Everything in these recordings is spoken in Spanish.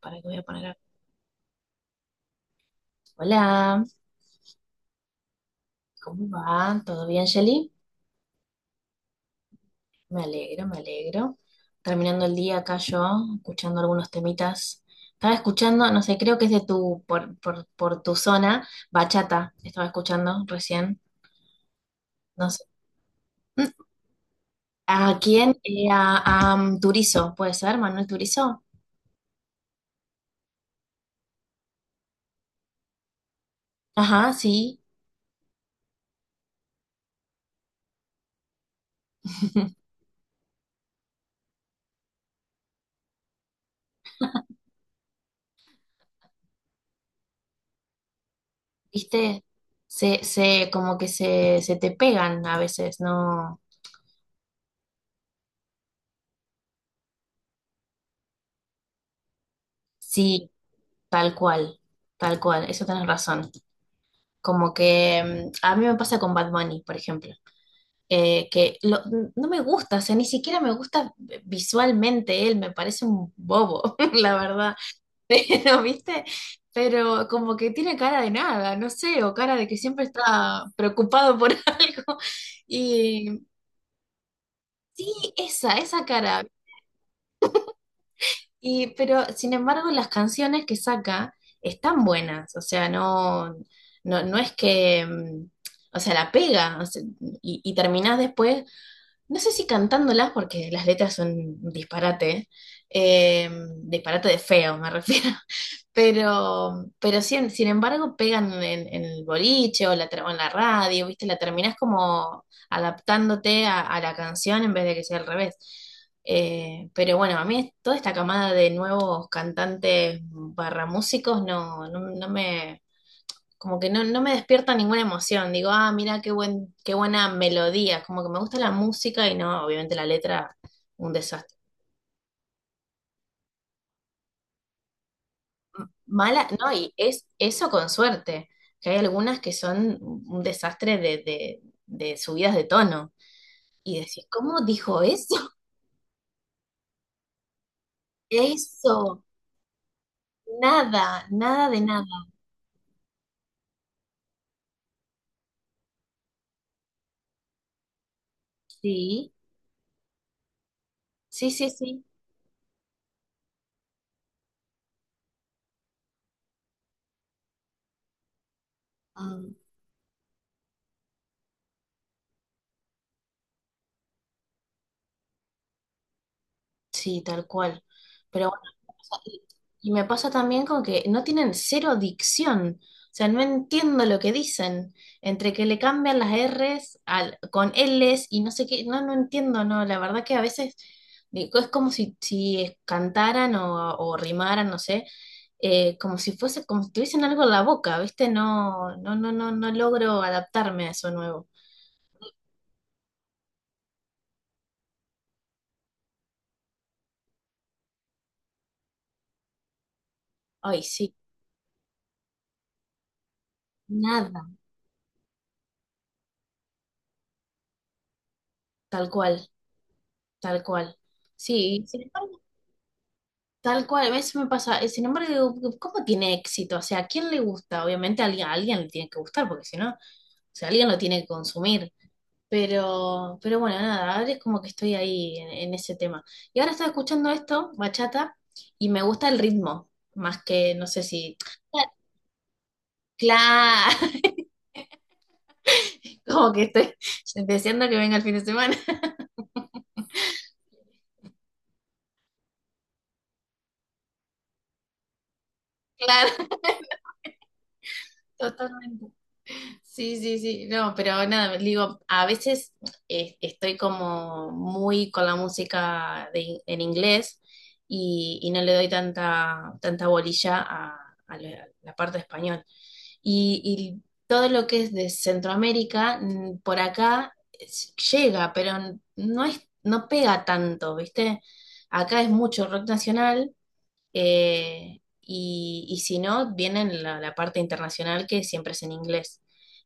Para que voy a poner acá. Hola, ¿cómo va? ¿Todo bien, Shelly? Me alegro, me alegro. Terminando el día acá yo, escuchando algunos temitas. Estaba escuchando, no sé, creo que es por tu zona, bachata. Estaba escuchando recién, no sé. Mm, ¿A quién? A Turizo, ¿puede ser? ¿Manuel Turizo? Ajá, sí. ¿Viste? Como que se te pegan a veces, ¿no? Sí, tal cual, tal cual, eso tenés razón. Como que a mí me pasa con Bad Bunny, por ejemplo, eh, que lo- no me gusta, o sea, ni siquiera me gusta visualmente él, me parece un bobo, la verdad. Pero, ¿viste? Pero como que tiene cara de nada, no sé, o cara de que siempre está preocupado por algo. Y, y esa cara, pero sin embargo, las canciones que saca están buenas, o sea, no, no, no es que, o sea, la pega, o sea, y terminás después, no sé si cantándolas, porque las letras son un disparate, eh, disparate de feo, me refiero. Pero sin embargo pegan en el boliche o en la radio, ¿viste? La terminás como adaptándote a la canción en vez de que sea al revés. Pero bueno, a mí toda esta camada de nuevos cantantes barra músicos no, no, no me, como que no, no me despierta ninguna emoción. Digo, ah, mira qué buena melodía. Como que me gusta la música y no, obviamente la letra, un desastre. Mala, no, y es eso con suerte, que hay algunas que son un desastre de subidas de tono. Y decís, ¿cómo dijo eso? Eso, nada, nada de nada. Sí, sí, sí, sí. Mm. Sí, tal cual. Pero bueno, me pasa- y me pasa también con que no tienen cero dicción. O sea, no entiendo lo que dicen. Entre que le cambian las R's con L's y no sé qué. No, no entiendo, no. La verdad que a veces digo, es como si cantaran o rimaran, no sé. Como si fuese, como si tuviesen algo en la boca, ¿viste? No, no, no, no, no logro adaptarme a eso nuevo. Ay, sí, nada. Tal cual, tal cual. Sí, sí. Tal cual, a veces me pasa. Sin embargo, digo, ¿cómo tiene éxito? O sea, ¿a quién le gusta? Obviamente a alguien le tiene que gustar, porque si no, o sea, alguien lo tiene que consumir. Pero bueno, nada, ahora es como que estoy ahí en ese tema. Y ahora estaba escuchando esto, bachata, y me gusta el ritmo, más que, no sé si... Claro, como que estoy deseando que venga el fin de semana. Claro, totalmente. Sí, sí, sí, no, pero nada, digo, a veces estoy como muy con la música en inglés y no le doy tanta bolilla a la parte español. Y todo lo que es de Centroamérica, por acá llega, pero no pega tanto, ¿viste? Acá es mucho rock nacional, y si no, vienen la parte internacional que siempre es en inglés.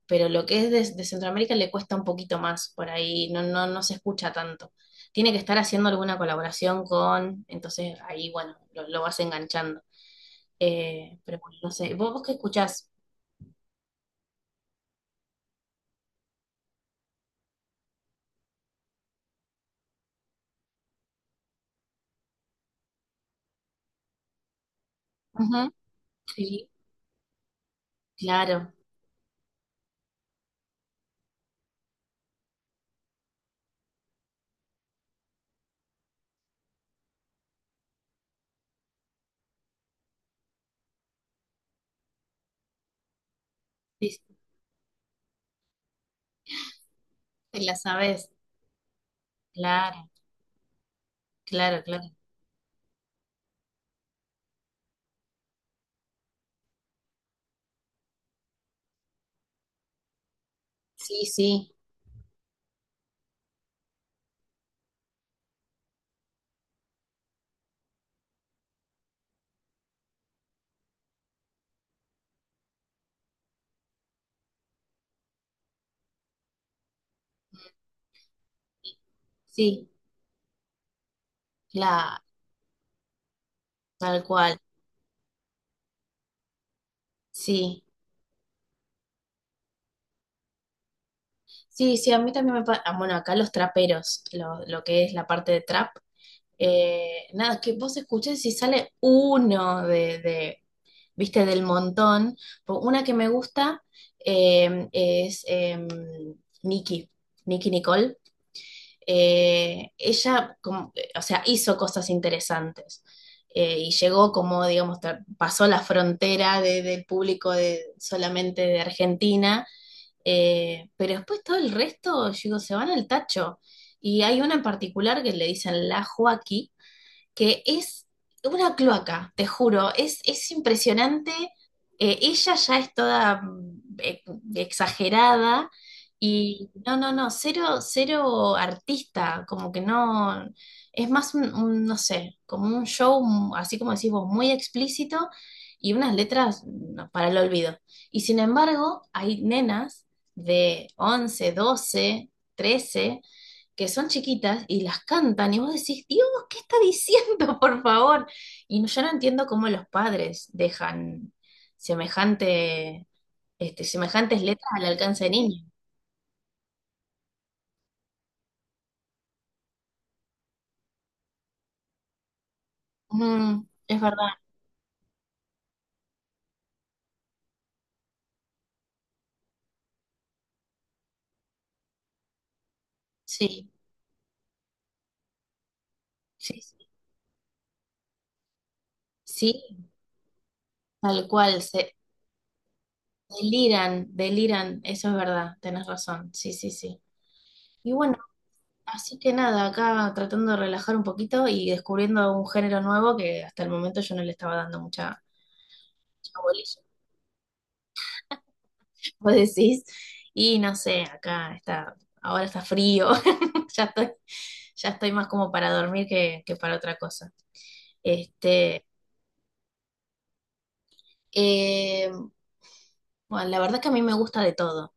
Pero lo que es de Centroamérica le cuesta un poquito más, por ahí no, no, no se escucha tanto. Tiene que estar haciendo alguna colaboración con, entonces ahí, bueno, lo vas enganchando. Pero bueno, no sé, ¿vos qué escuchás? Ujú. Sí, claro, sí, sí, te la sabes, claro, claro, claro. Sí, sí, sí, la, tal cual, sí. Sí, sí, a mí también me pasa, bueno, acá los traperos, lo que es la parte de trap, nada, que vos escuches si sale uno de, viste, del montón. Una que me gusta es Nicki, Nicki Nicole. Ella, o sea, hizo cosas interesantes, y llegó como, digamos, pasó la frontera del público solamente de Argentina. Pero después todo el resto, yo digo, se van al tacho. Y hay una en particular que le dicen la Joaquí, que es una cloaca, te juro, es impresionante. Ella ya es toda exagerada y no, no, no, cero, cero artista, como que no, es más un, no sé, como un show, así como decís vos, muy explícito y unas letras para el olvido. Y sin embargo, hay nenas de 11 12 13 que son chiquitas y las cantan y vos decís, Dios, ¿qué está diciendo, por favor? Yo no entiendo cómo los padres dejan semejante, semejantes letras al alcance de niños. Mm, es verdad, sí, sí, sí, sí, tal cual, se deliran, deliran, eso es verdad, tenés razón, sí, sí, sí. Y bueno, así que nada, acá tratando de relajar un poquito y descubriendo un género nuevo que hasta el momento yo no le estaba dando mucha, mucha bolilla. Vos decís, y no sé, acá está, ahora está frío, ya estoy, ya estoy, más como para dormir que para otra cosa. Este, eh, bueno, la verdad que a mí me gusta de todo,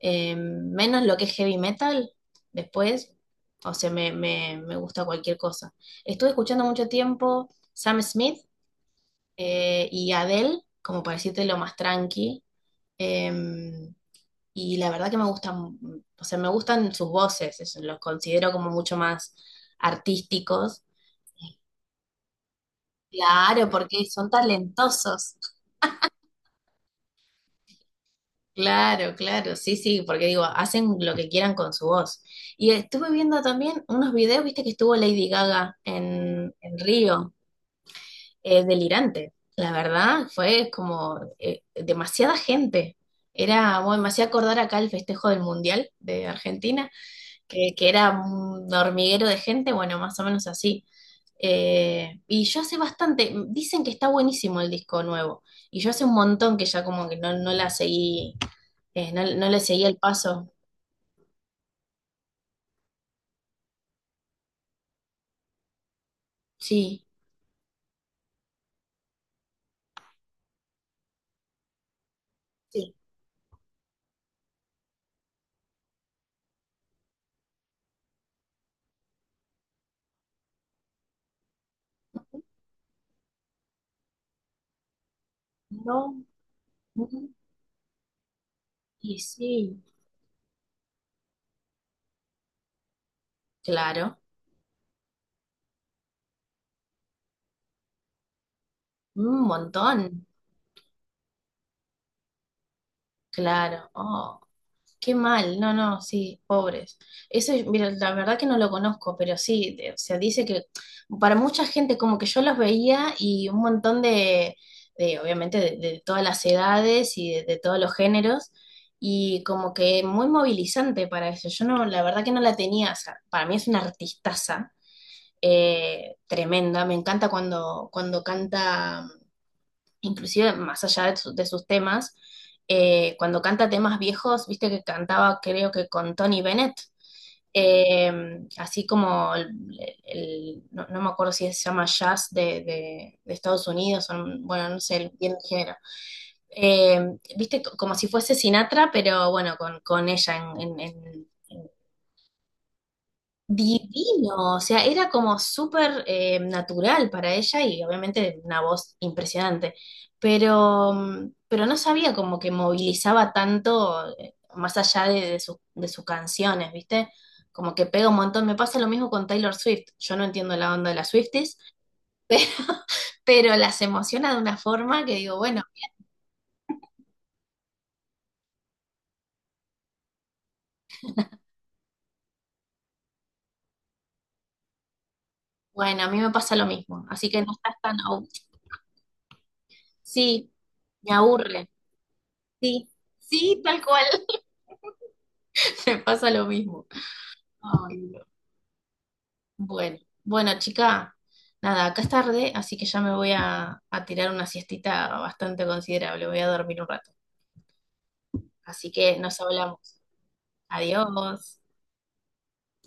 menos lo que es heavy metal, después, o sea, me gusta cualquier cosa. Estuve escuchando mucho tiempo Sam Smith, y Adele, como para decirte lo más tranqui. Em, Y la verdad que me gustan, o sea, me gustan sus voces, los considero como mucho más artísticos. Claro, porque son talentosos. Claro, claro, sí, sí, porque digo, hacen lo que quieran con su voz. Y estuve viendo también unos videos, viste que estuvo Lady Gaga en Río, delirante. La verdad, fue como demasiada gente. Era, bueno, me hacía acordar acá el festejo del Mundial de Argentina que era un hormiguero de gente, bueno, más o menos así. Y yo hace bastante, dicen que está buenísimo el disco nuevo, y yo hace un montón que ya como que no, no la seguí, no, no le seguí el paso. Sí, sí, no, mm, y sí, claro, un montón, claro, oh. Qué mal, no, no, sí, pobres. Eso, mira, la verdad que no lo conozco, pero sí, o sea, dice que para mucha gente como que yo los veía y un montón de, obviamente, de todas las edades y de todos los géneros, y como que muy movilizante para eso. Yo no, la verdad que no la tenía, o sea, para mí es una artistaza tremenda, me encanta cuando, canta inclusive más allá de sus temas, cuando canta temas viejos, viste que cantaba creo que con Tony Bennett, eh, así como no, no me acuerdo si se llama jazz de Estados Unidos, o, bueno, no sé bien el género. Eh, viste, como si fuese Sinatra, pero bueno, con ella en- Divino, o sea, era como súper natural para ella y obviamente una voz impresionante, pero no sabía como que movilizaba tanto, más allá de sus canciones, ¿viste? Como que pega un montón. Me pasa lo mismo con Taylor Swift. Yo no entiendo la onda de las Swifties, pero pero las emociona de una forma que digo, bueno, bueno, a mí me pasa lo mismo, así que no estás tan... Sí, me aburre. Sí, sí, tal cual, me pasa lo mismo. Ay. Bueno, bueno, chica, nada, acá es tarde, así que ya me voy a, tirar una siestita bastante considerable, voy a dormir un rato. Así que nos hablamos. Adiós.